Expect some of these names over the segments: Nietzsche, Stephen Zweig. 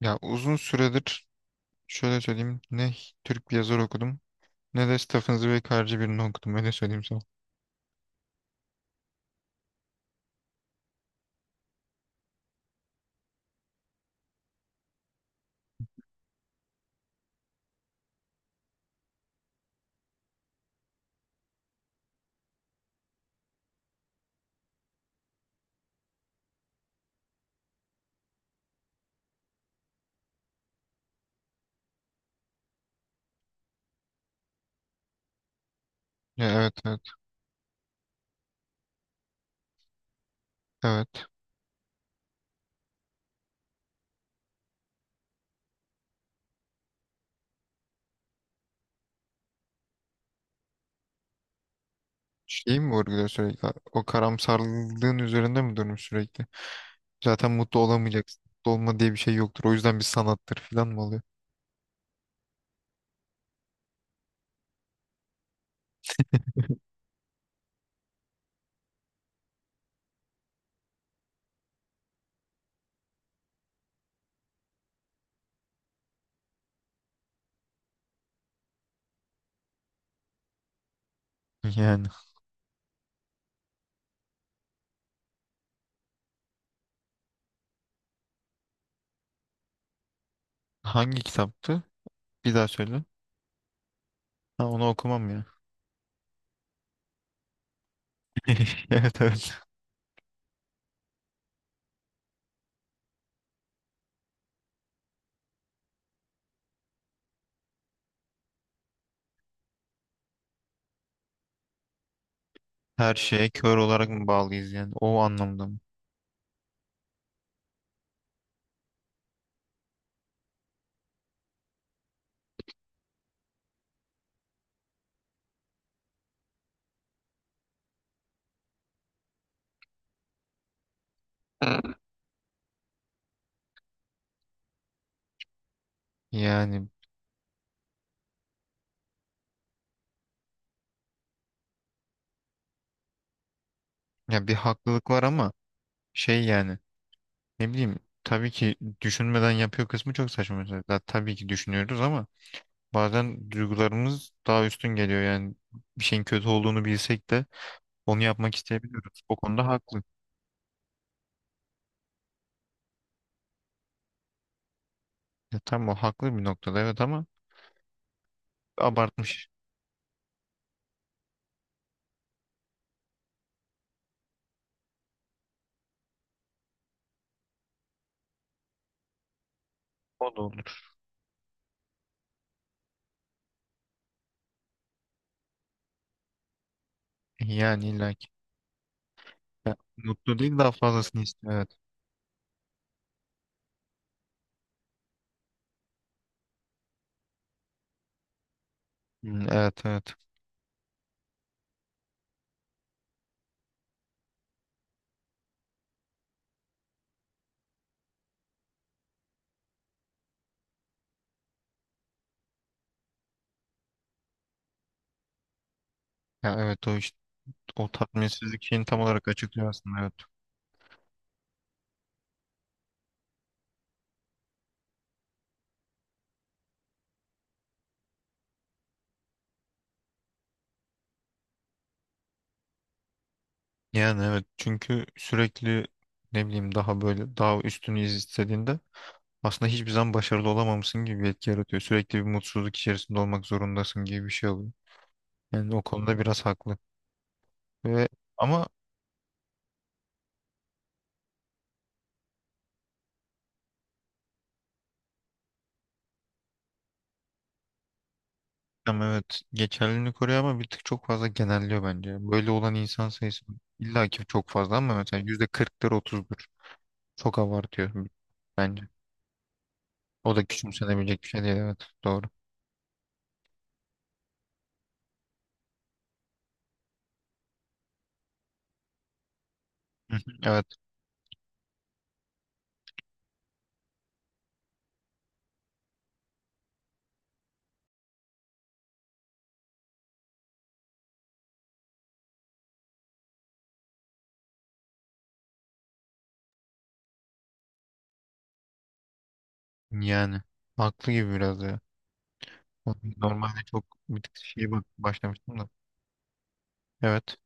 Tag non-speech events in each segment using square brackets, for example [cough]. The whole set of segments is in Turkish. Ya uzun süredir şöyle söyleyeyim, ne Türk bir yazar okudum ne de Stephen Zweig'ci birini okudum, öyle söyleyeyim sana. Ya, evet evet evet. Şey mi vurguluyor sürekli? O karamsarlığın üzerinde mi durmuş sürekli? Zaten mutlu olamayacaksın. Mutlu olma diye bir şey yoktur. O yüzden bir sanattır falan mı oluyor? [laughs] Yani. Hangi kitaptı? Bir daha söyle. Ha, onu okumam ya. [laughs] Evet evet. Her şeye kör olarak mı bağlıyız yani? O anlamda mı? Yani ya bir haklılık var ama şey yani. Ne bileyim, tabii ki düşünmeden yapıyor kısmı çok saçma mesela. Tabii ki düşünüyoruz ama bazen duygularımız daha üstün geliyor. Yani bir şeyin kötü olduğunu bilsek de onu yapmak isteyebiliyoruz. O konuda haklı. Ya, tamam, o haklı bir noktada, evet, ama abartmış. O da olur. Yani illa ki. Mutlu değil, daha fazlasını istiyor, evet. Hmm, evet evet. Ya evet, o işte o tatminsizlik şeyini tam olarak açıklıyor aslında, evet. Yani evet, çünkü sürekli ne bileyim daha böyle daha üstünü istediğinde aslında hiçbir zaman başarılı olamamışsın gibi bir etki yaratıyor. Sürekli bir mutsuzluk içerisinde olmak zorundasın gibi bir şey oluyor. Yani o konuda biraz haklı. Ve ama ama evet, geçerliliğini koruyor ama bir tık çok fazla genelliyor bence. Böyle olan insan sayısı illa ki çok fazla ama mesela %40'dır, 30'dur. Çok abartıyor bence. O da küçümsenebilecek bir şey değil, evet, doğru. Hı hı, evet, yani haklı gibi biraz da ya. Normalde çok bir tık şeye bak başlamıştım da. Evet.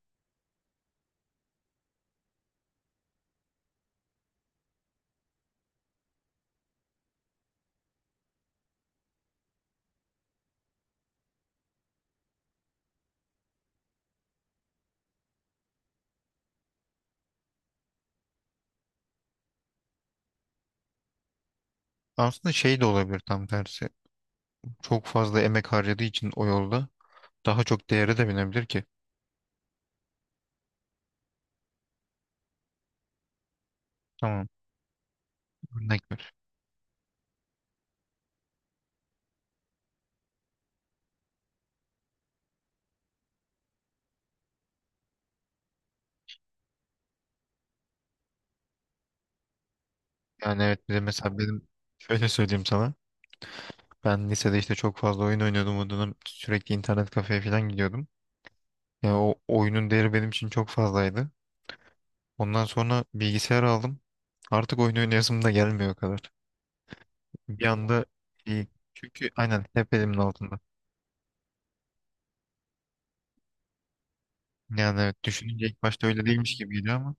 Aslında şey de olabilir, tam tersi. Çok fazla emek harcadığı için o yolda daha çok değere de binebilir ki. Tamam. Örnek ver. Yani evet, bir de mesela benim şöyle söyleyeyim sana. Ben lisede işte çok fazla oyun oynuyordum. O dönem sürekli internet kafeye falan gidiyordum. Yani o oyunun değeri benim için çok fazlaydı. Ondan sonra bilgisayar aldım. Artık oyun oynayasım da gelmiyor o kadar. Bir anda iyi. Çünkü aynen hep elimin altında. Yani evet, düşününce ilk başta öyle değilmiş gibi geliyor ama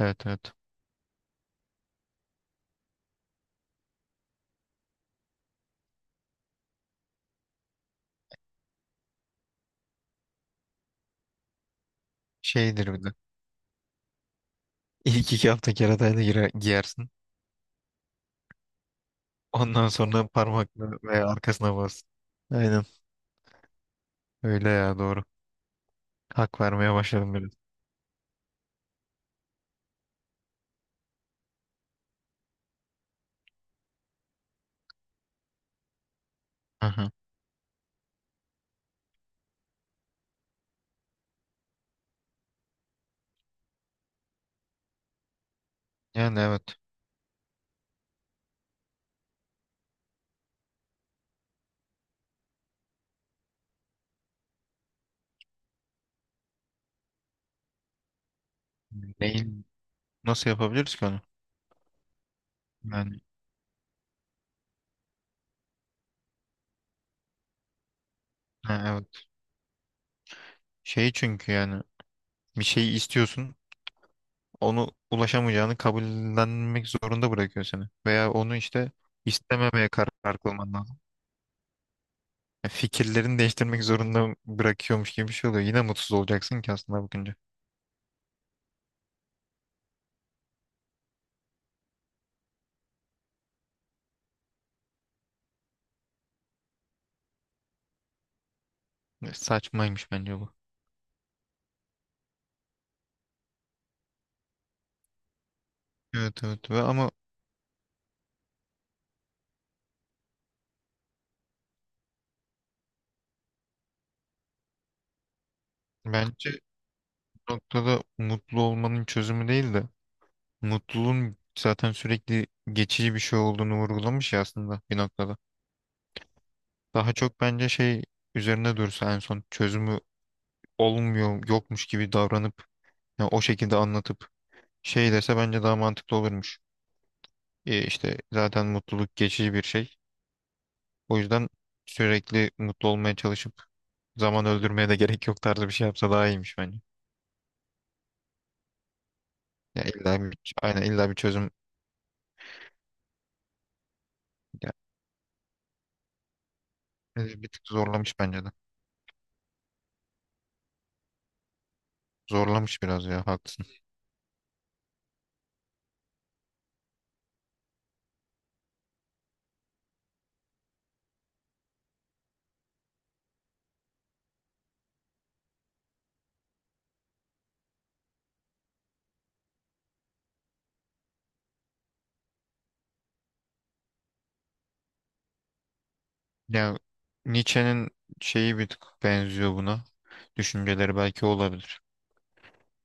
evet evet şeydir bir de. [laughs] İlk iki hafta keratayla girer, giyersin. Ondan sonra parmakla veya arkasına bas. Aynen öyle ya, doğru. Hak vermeye başladım biraz. Aha. Yani evet. Neyin, nasıl yapabiliriz ki onu? Yani ha, evet. Şey çünkü yani bir şeyi istiyorsun, onu ulaşamayacağını kabullenmek zorunda bırakıyor seni. Veya onu işte istememeye karar kılman lazım. Ya, fikirlerini değiştirmek zorunda bırakıyormuş gibi bir şey oluyor. Yine mutsuz olacaksın ki aslında bakınca. Ya, saçmaymış bence bu. Evet evet ve ama bence bu noktada mutlu olmanın çözümü değil de mutluluğun zaten sürekli geçici bir şey olduğunu vurgulamış ya aslında bir noktada. Daha çok bence şey üzerine dursa, en son çözümü olmuyor, yokmuş gibi davranıp, ya o şekilde anlatıp şey dese bence daha mantıklı olurmuş. E işte zaten mutluluk geçici bir şey. O yüzden sürekli mutlu olmaya çalışıp zaman öldürmeye de gerek yok tarzı bir şey yapsa daha iyiymiş bence. Ya illa bir, aynen illa bir çözüm. Ya, bir tık zorlamış bence de. Zorlamış biraz ya, haklısın. Ya Nietzsche'nin şeyi bir tık benziyor buna. Düşünceleri belki olabilir.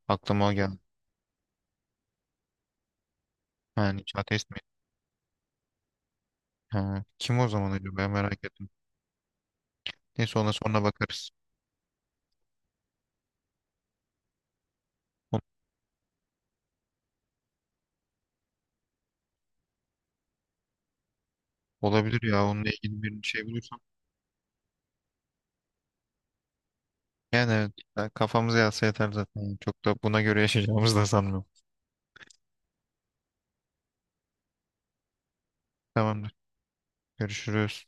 Aklıma o geldi. Ha, Nietzsche ateist mi? Ha, kim o zaman acaba, merak ettim. Neyse, ona sonra bakarız. O- Olabilir ya, onunla ilgili bir şey bulursam. Yani evet, ya kafamıza yatsa yeter zaten. Çok da buna göre [laughs] yaşayacağımızı da sanmıyorum. Tamamdır. Görüşürüz.